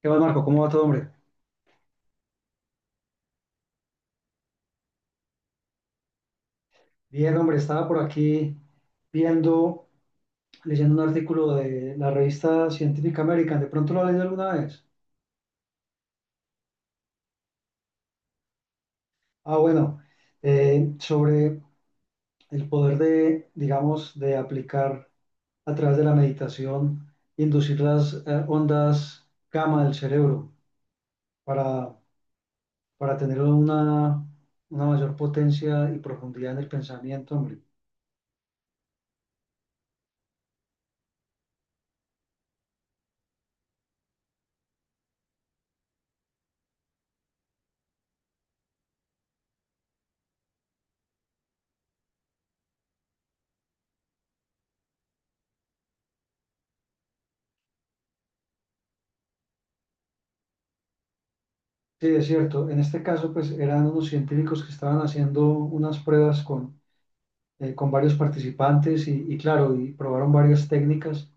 ¿Qué más, Marco? ¿Cómo va todo, hombre? Bien, hombre, estaba por aquí viendo, leyendo un artículo de la revista Scientific American. ¿De pronto lo has leído alguna vez? Ah, bueno, sobre el poder de, digamos, de aplicar a través de la meditación, inducir las ondas gamma del cerebro, para, para tener una mayor potencia y profundidad en el pensamiento, hombre. Sí, es cierto. En este caso, pues eran unos científicos que estaban haciendo unas pruebas con varios participantes y, claro, y probaron varias técnicas,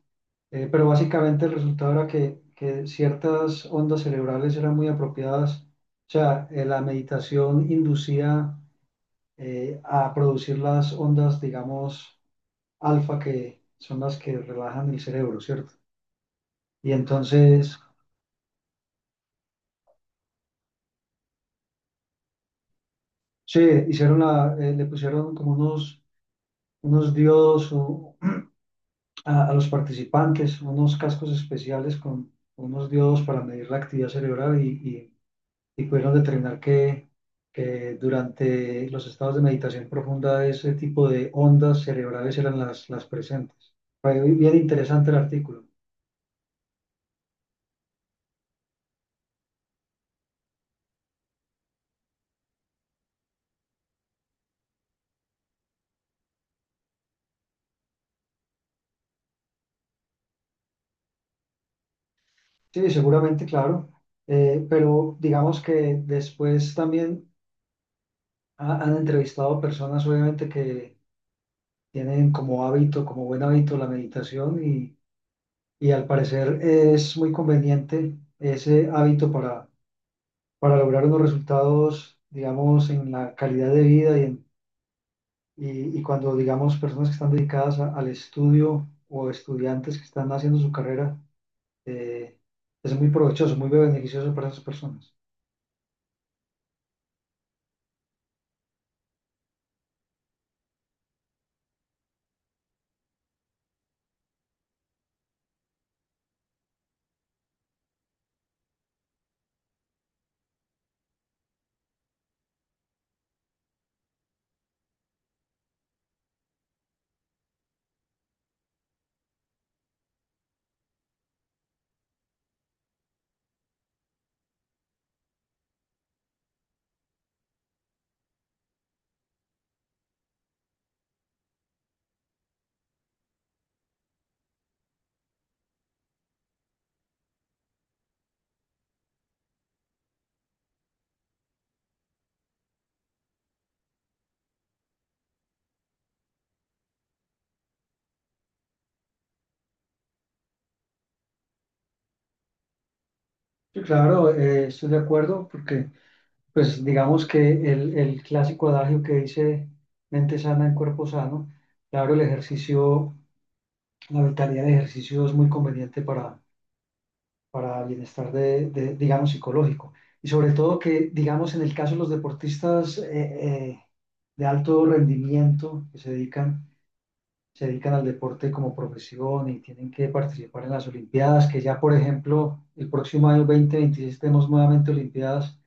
pero básicamente el resultado era que ciertas ondas cerebrales eran muy apropiadas. O sea, la meditación inducía a producir las ondas, digamos, alfa, que son las que relajan el cerebro, ¿cierto? Y entonces, sí, hicieron la, le pusieron como unos, unos diodos, o a los participantes unos cascos especiales con unos diodos para medir la actividad cerebral y pudieron determinar que durante los estados de meditación profunda ese tipo de ondas cerebrales eran las presentes. Fue bien interesante el artículo. Sí, seguramente, claro, pero digamos que después también han entrevistado personas obviamente que tienen como hábito, como buen hábito la meditación y al parecer es muy conveniente ese hábito para lograr unos resultados, digamos, en la calidad de vida y cuando, digamos, personas que están dedicadas al estudio o estudiantes que están haciendo su carrera, eh, es muy provechoso, muy beneficioso para esas personas. Sí, claro, estoy de acuerdo porque, pues, digamos que el clásico adagio que dice mente sana en cuerpo sano, claro, el ejercicio, la vitalidad del ejercicio es muy conveniente para bienestar de, digamos, psicológico. Y sobre todo que, digamos, en el caso de los deportistas de alto rendimiento que se dedican al deporte como profesión y tienen que participar en las Olimpiadas, que ya, por ejemplo, el próximo año 2026 tenemos nuevamente Olimpiadas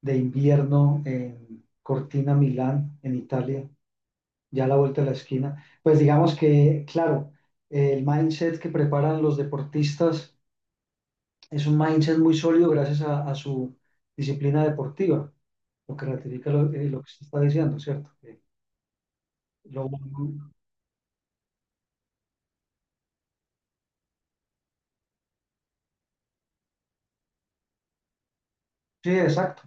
de invierno en Cortina, Milán, en Italia, ya a la vuelta de la esquina. Pues digamos que, claro, el mindset que preparan los deportistas es un mindset muy sólido gracias a su disciplina deportiva, lo que ratifica lo que se está diciendo, ¿cierto? Que lo- sí, exacto.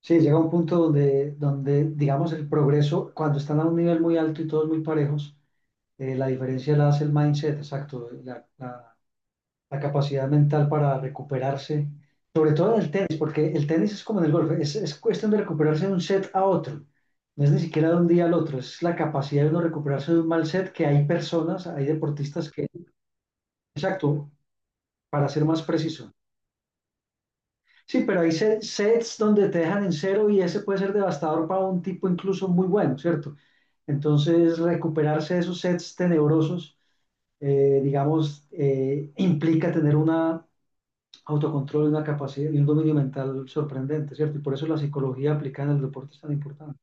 Sí, llega un punto donde, donde, digamos, el progreso, cuando están a un nivel muy alto y todos muy parejos, la diferencia la hace el mindset, exacto, la capacidad mental para recuperarse, sobre todo en el tenis, porque el tenis es como en el golf, es cuestión de recuperarse de un set a otro, no es ni siquiera de un día al otro, es la capacidad de uno recuperarse de un mal set que hay personas, hay deportistas que, exacto, para ser más preciso. Sí, pero hay sets donde te dejan en cero y ese puede ser devastador para un tipo incluso muy bueno, ¿cierto? Entonces, recuperarse de esos sets tenebrosos, digamos, implica tener una autocontrol y una capacidad y un dominio mental sorprendente, ¿cierto? Y por eso la psicología aplicada en el deporte es tan importante.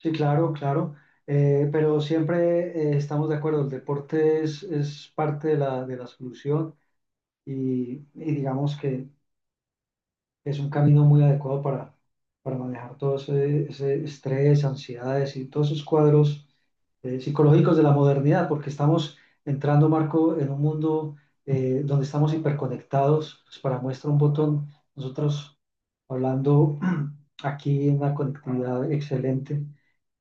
Sí, claro, claro. Pero siempre estamos de acuerdo, el deporte es parte de la solución y digamos que es un camino muy adecuado para manejar todo ese, ese estrés, ansiedades y todos esos cuadros psicológicos de la modernidad, porque estamos entrando, Marco, en un mundo donde estamos hiperconectados. Pues para muestra un botón, nosotros hablando aquí en una conectividad excelente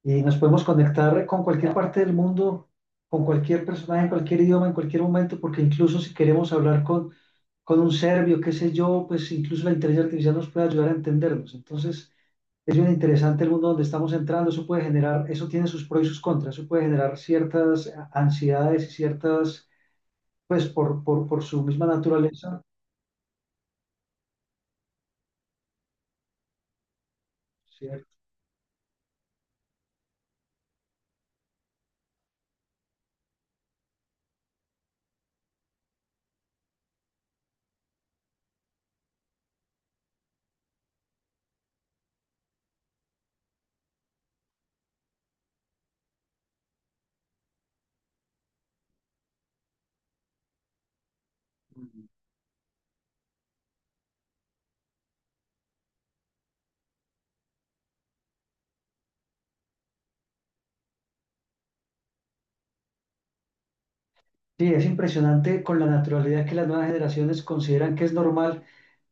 y nos podemos conectar con cualquier parte del mundo, con cualquier personaje, en cualquier idioma, en cualquier momento, porque incluso si queremos hablar con un serbio, qué sé yo, pues incluso la inteligencia artificial nos puede ayudar a entendernos. Entonces, es bien interesante el mundo donde estamos entrando, eso puede generar, eso tiene sus pros y sus contras, eso puede generar ciertas ansiedades y ciertas, pues por su misma naturaleza, ¿cierto? Sí, es impresionante con la naturalidad que las nuevas generaciones consideran que es normal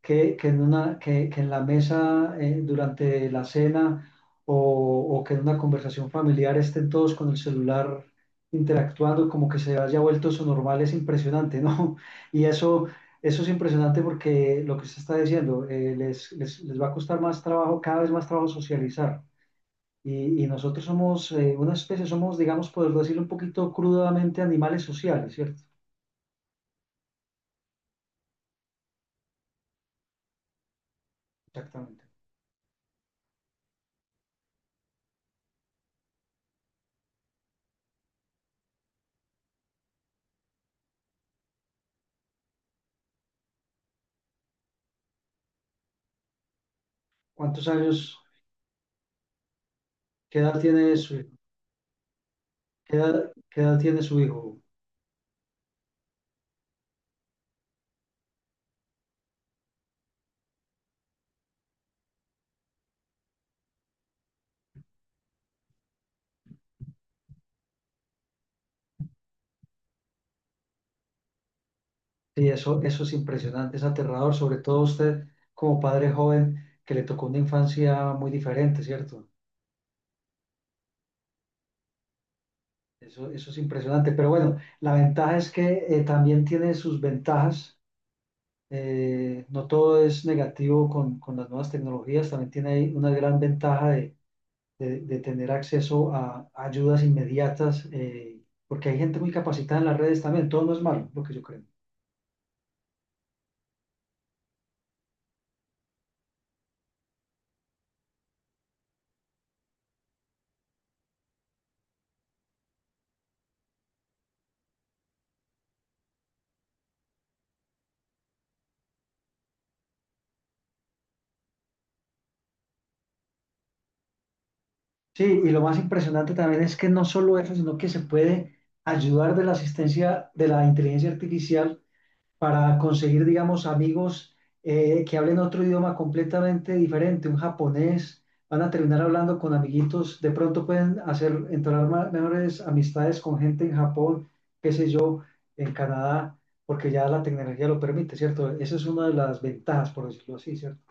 que en una, que en la mesa, durante la cena o, o que en una conversación familiar estén todos con el celular interactuando, como que se haya vuelto eso normal, es impresionante, ¿no? Y eso es impresionante porque lo que usted está diciendo, les va a costar más trabajo, cada vez más trabajo socializar. Y nosotros somos una especie, somos, digamos, poder decirlo un poquito crudamente, animales sociales, ¿cierto? Exactamente. ¿Cuántos años, qué edad tiene su hijo? Qué edad tiene su hijo? Sí, eso es impresionante, es aterrador, sobre todo usted como padre joven que le tocó una infancia muy diferente, ¿cierto? Eso es impresionante. Pero bueno, la ventaja es que también tiene sus ventajas. No todo es negativo con las nuevas tecnologías, también tiene ahí una gran ventaja de, de tener acceso a ayudas inmediatas, porque hay gente muy capacitada en las redes también, todo no es malo, lo que yo creo. Sí, y lo más impresionante también es que no solo eso, sino que se puede ayudar de la asistencia de la inteligencia artificial para conseguir, digamos, amigos que hablen otro idioma completamente diferente, un japonés. Van a terminar hablando con amiguitos, de pronto pueden hacer, entablar mejores amistades con gente en Japón, qué sé yo, en Canadá, porque ya la tecnología lo permite, ¿cierto? Esa es una de las ventajas, por decirlo así, ¿cierto?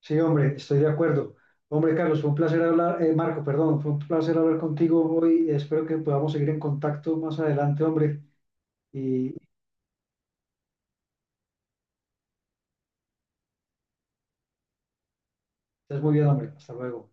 Sí, hombre, estoy de acuerdo. Hombre, Carlos, fue un placer hablar, Marco, perdón, fue un placer hablar contigo hoy. Espero que podamos seguir en contacto más adelante, hombre. Y estás muy bien, hombre. Hasta luego.